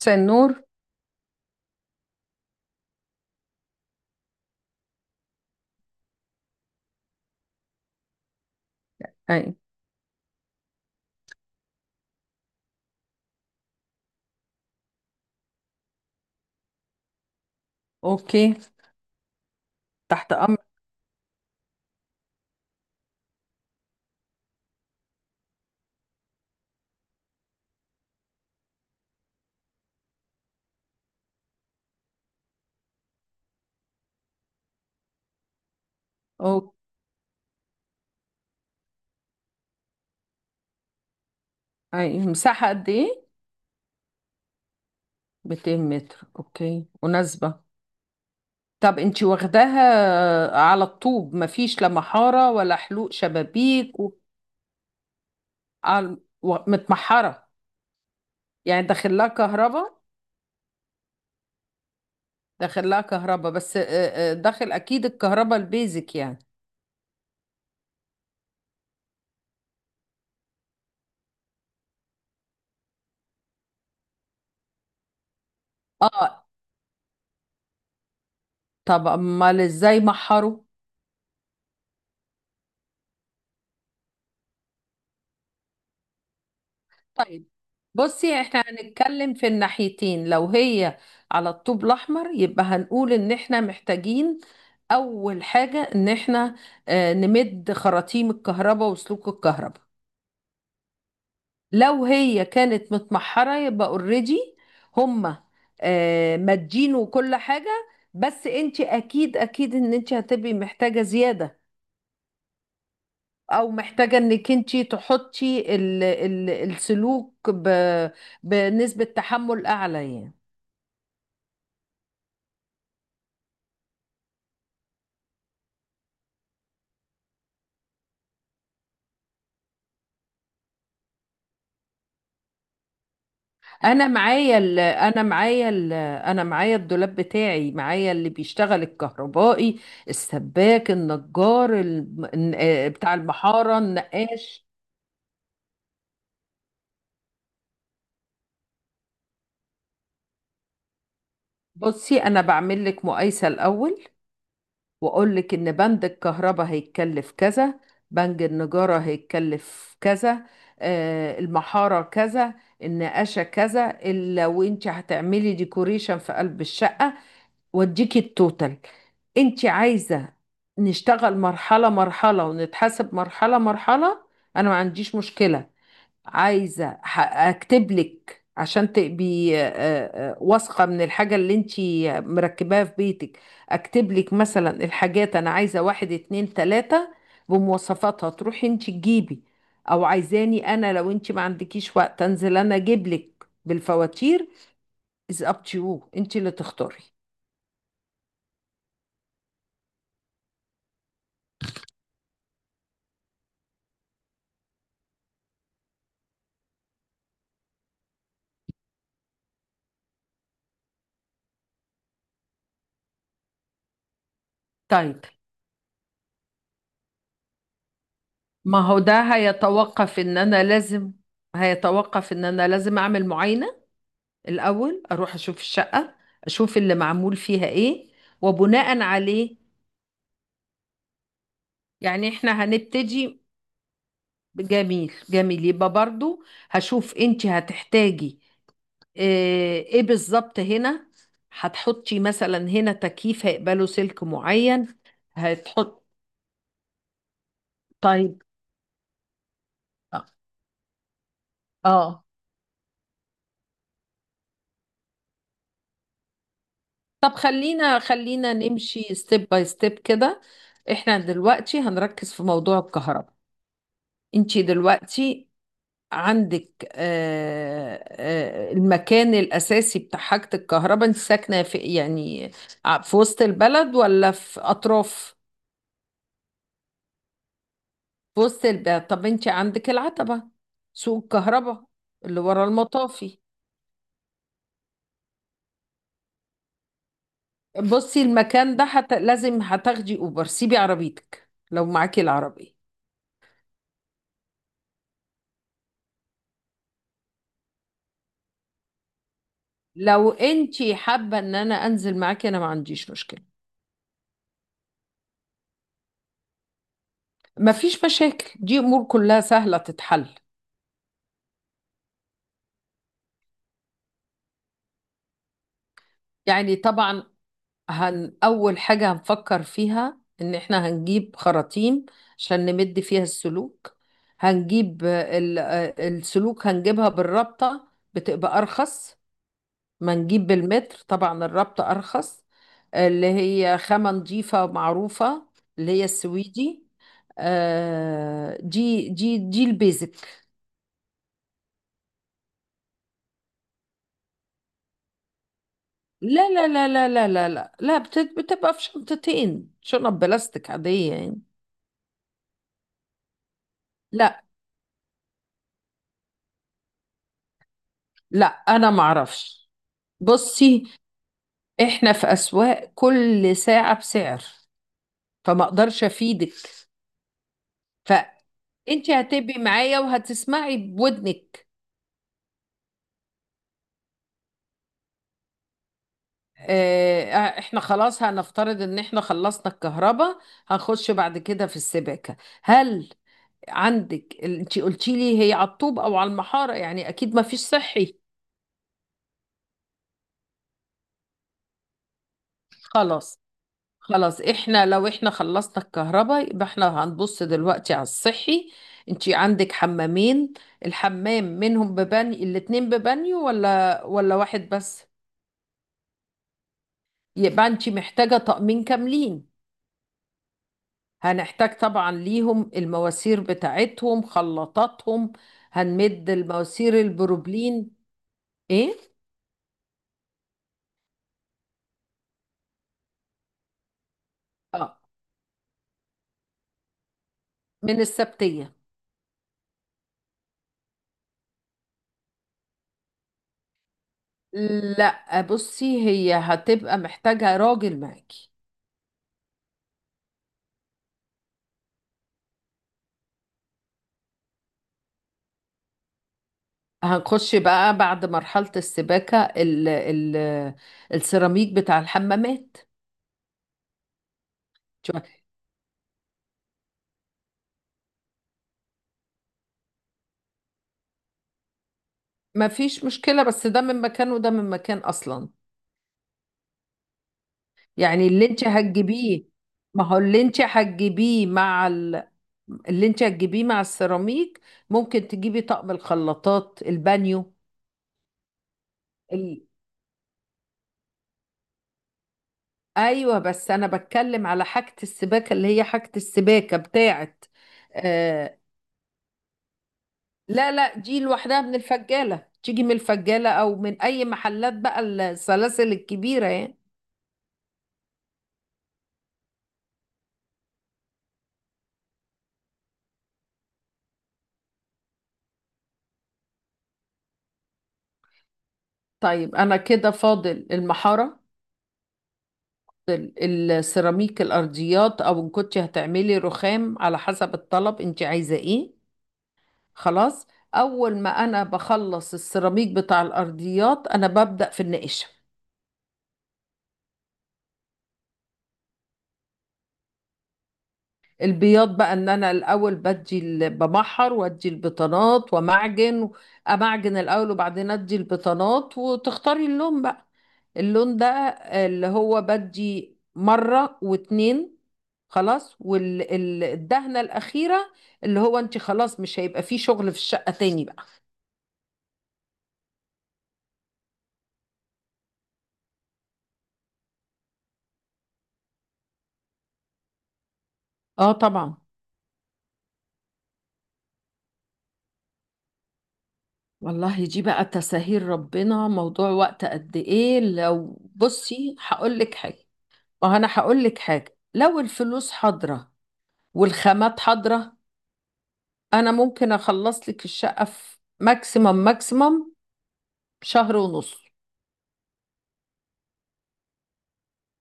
مساء النور. اي. اوكي، تحت امر. او اي مساحة قد ايه؟ 200 متر، اوكي مناسبة. طب انتي واخداها على الطوب؟ مفيش لا محارة ولا حلوق شبابيك متمحرة؟ يعني داخل لها كهرباء؟ داخل لها كهرباء بس داخل اكيد الكهرباء البيزك يعني. اه. طب امال ازاي محروا؟ طيب بصي، احنا هنتكلم في الناحيتين. لو هي على الطوب الاحمر يبقى هنقول ان احنا محتاجين اول حاجة ان احنا نمد خراطيم الكهرباء وسلوك الكهرباء. لو هي كانت متمحرة يبقى اوريدي هما مادين وكل حاجة، بس انت اكيد اكيد ان انت هتبقي محتاجة زيادة، او محتاجة انك انت تحطي السلوك بنسبة تحمل اعلى يعني. انا معايا الدولاب بتاعي، معايا اللي بيشتغل، الكهربائي، السباك، النجار، بتاع المحارة، النقاش. بصي انا بعمل لك مقايسة الاول، واقول لك ان بند الكهرباء هيتكلف كذا، بند النجارة هيتكلف كذا، المحارة كذا، النقاشة كذا، لو انت هتعملي ديكوريشن في قلب الشقة واديكي التوتال. انت عايزة نشتغل مرحلة مرحلة ونتحاسب مرحلة مرحلة؟ انا ما عنديش مشكلة. عايزة اكتب لك عشان تبقي وثقة من الحاجة اللي انت مركباها في بيتك. اكتب لك مثلا الحاجات انا عايزة، واحد اتنين تلاتة، بمواصفاتها تروحي انت تجيبي، او عايزاني انا، لو انت ما عندكيش وقت، انزل انا اجيب لك بالفواتير. is up to you، انت اللي تختاري. طيب، ما هو ده هيتوقف ان انا لازم، هيتوقف ان انا لازم اعمل معاينة الاول، اروح اشوف الشقة، اشوف اللي معمول فيها ايه، وبناء عليه. يعني احنا هنبتدي. جميل جميل، يبقى برضو هشوف انت هتحتاجي ايه بالظبط هنا. هتحطي مثلا هنا تكييف هيقبله سلك معين. هتحط. طيب. اه. آه. طب خلينا خلينا نمشي ستيب باي ستيب كده. احنا دلوقتي هنركز في موضوع الكهرباء. انتي دلوقتي عندك المكان الأساسي بتاع حاجة الكهرباء. انت ساكنة في يعني في وسط البلد ولا في أطراف؟ في وسط البلد. طب انتي عندك العتبة، سوق الكهرباء، اللي ورا المطافي. بصي المكان ده لازم هتاخدي أوبر، سيبي عربيتك لو معاكي العربية. لو انتي حابة ان انا انزل معاكي، انا ما عنديش مشكلة. مفيش مشاكل، دي امور كلها سهلة تتحل. يعني طبعا، اول حاجة هنفكر فيها ان احنا هنجيب خراطيم عشان نمد فيها السلوك. هنجيب السلوك، هنجيبها بالرابطة، بتبقى ارخص ما نجيب بالمتر. طبعا الرابطة ارخص، اللي هي خامة نظيفة معروفة، اللي هي السويدي. دي دي البيزك. لا لا لا لا لا لا لا لا، بتبقى في شنطتين، شنط بلاستيك عادية يعني. لا. لا أنا معرفش. بصي، إحنا في أسواق، كل ساعة بسعر، فما أقدرش أفيدك. فأنت هتبقي معايا وهتسمعي بودنك. إحنا خلاص هنفترض إن إحنا خلصنا الكهرباء، هنخش بعد كده في السباكة. هل عندك، أنت قلتي لي هي على الطوب أو على المحارة، يعني أكيد ما فيش صحي. خلاص. خلاص، احنا لو احنا خلصنا الكهرباء يبقى احنا هنبص دلوقتي على الصحي. انتي عندك حمامين، الحمام منهم ببانيو، الاتنين ببانيو ولا واحد بس؟ يبقى انتي محتاجة طقمين كاملين. هنحتاج طبعا ليهم المواسير بتاعتهم، خلاطاتهم. هنمد المواسير البروبلين. ايه؟ اه. من السبتية. لا بصي، هي هتبقى محتاجة راجل معاكي. هنخش بقى بعد مرحلة السباكة ال السيراميك بتاع الحمامات. شوف، ما فيش مشكلة، بس ده من مكان وده من مكان أصلا. يعني اللي انت هتجيبيه، ما هو اللي انت هتجيبيه مع اللي انت هتجيبيه مع السيراميك، ممكن تجيبي طقم الخلاطات البانيو. ال... ايوه، بس انا بتكلم على حاجة السباكة، اللي هي حاجة السباكة بتاعت آه، لا لا، دي لوحدها من الفجالة، تيجي من الفجالة أو من أي محلات بقى السلاسل الكبيرة يعني. طيب أنا كده فاضل المحارة، السيراميك الأرضيات، أو إن كنت هتعملي رخام، على حسب الطلب أنت عايزة إيه. خلاص، أول ما أنا بخلص السيراميك بتاع الأرضيات أنا ببدأ في النقش. البياض بقى ان انا الاول بمحر وادي البطانات ومعجن، امعجن الاول وبعدين ادي البطانات، وتختاري اللون بقى، اللون ده اللي هو بدي مرة واتنين، خلاص والدهنة الأخيرة، اللي هو انت خلاص مش هيبقى فيه شغل في الشقة تاني بقى. اه طبعا. والله دي بقى تساهيل ربنا. موضوع وقت قد ايه، لو بصي هقول لك حاجة، ما هو انا هقول لك حاجة، لو الفلوس حاضرة والخامات حاضرة أنا ممكن أخلص لك الشقة في ماكسيمم ماكسيمم شهر ونص.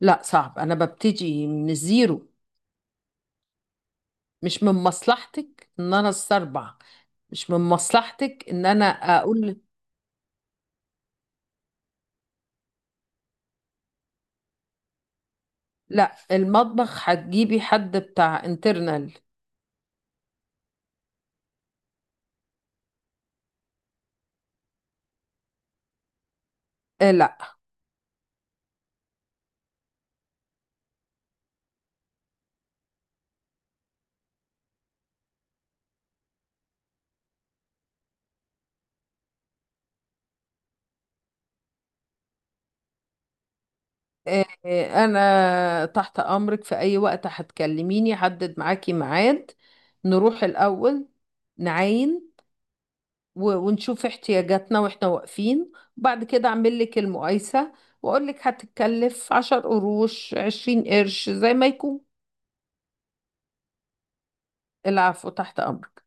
لا صعب، أنا ببتدي من الزيرو. مش من مصلحتك إن أنا استربع، مش من مصلحتك إن أنا أقول. لا، المطبخ هتجيبي حد بتاع انترنال. آه لا. أنا تحت أمرك في أي وقت، هتكلميني حدد معاكي ميعاد، نروح الأول نعاين ونشوف احتياجاتنا واحنا واقفين، وبعد كده اعمل لك المقايسة، واقول لك هتتكلف عشر قروش عشرين قرش زي ما يكون. العفو، تحت امرك.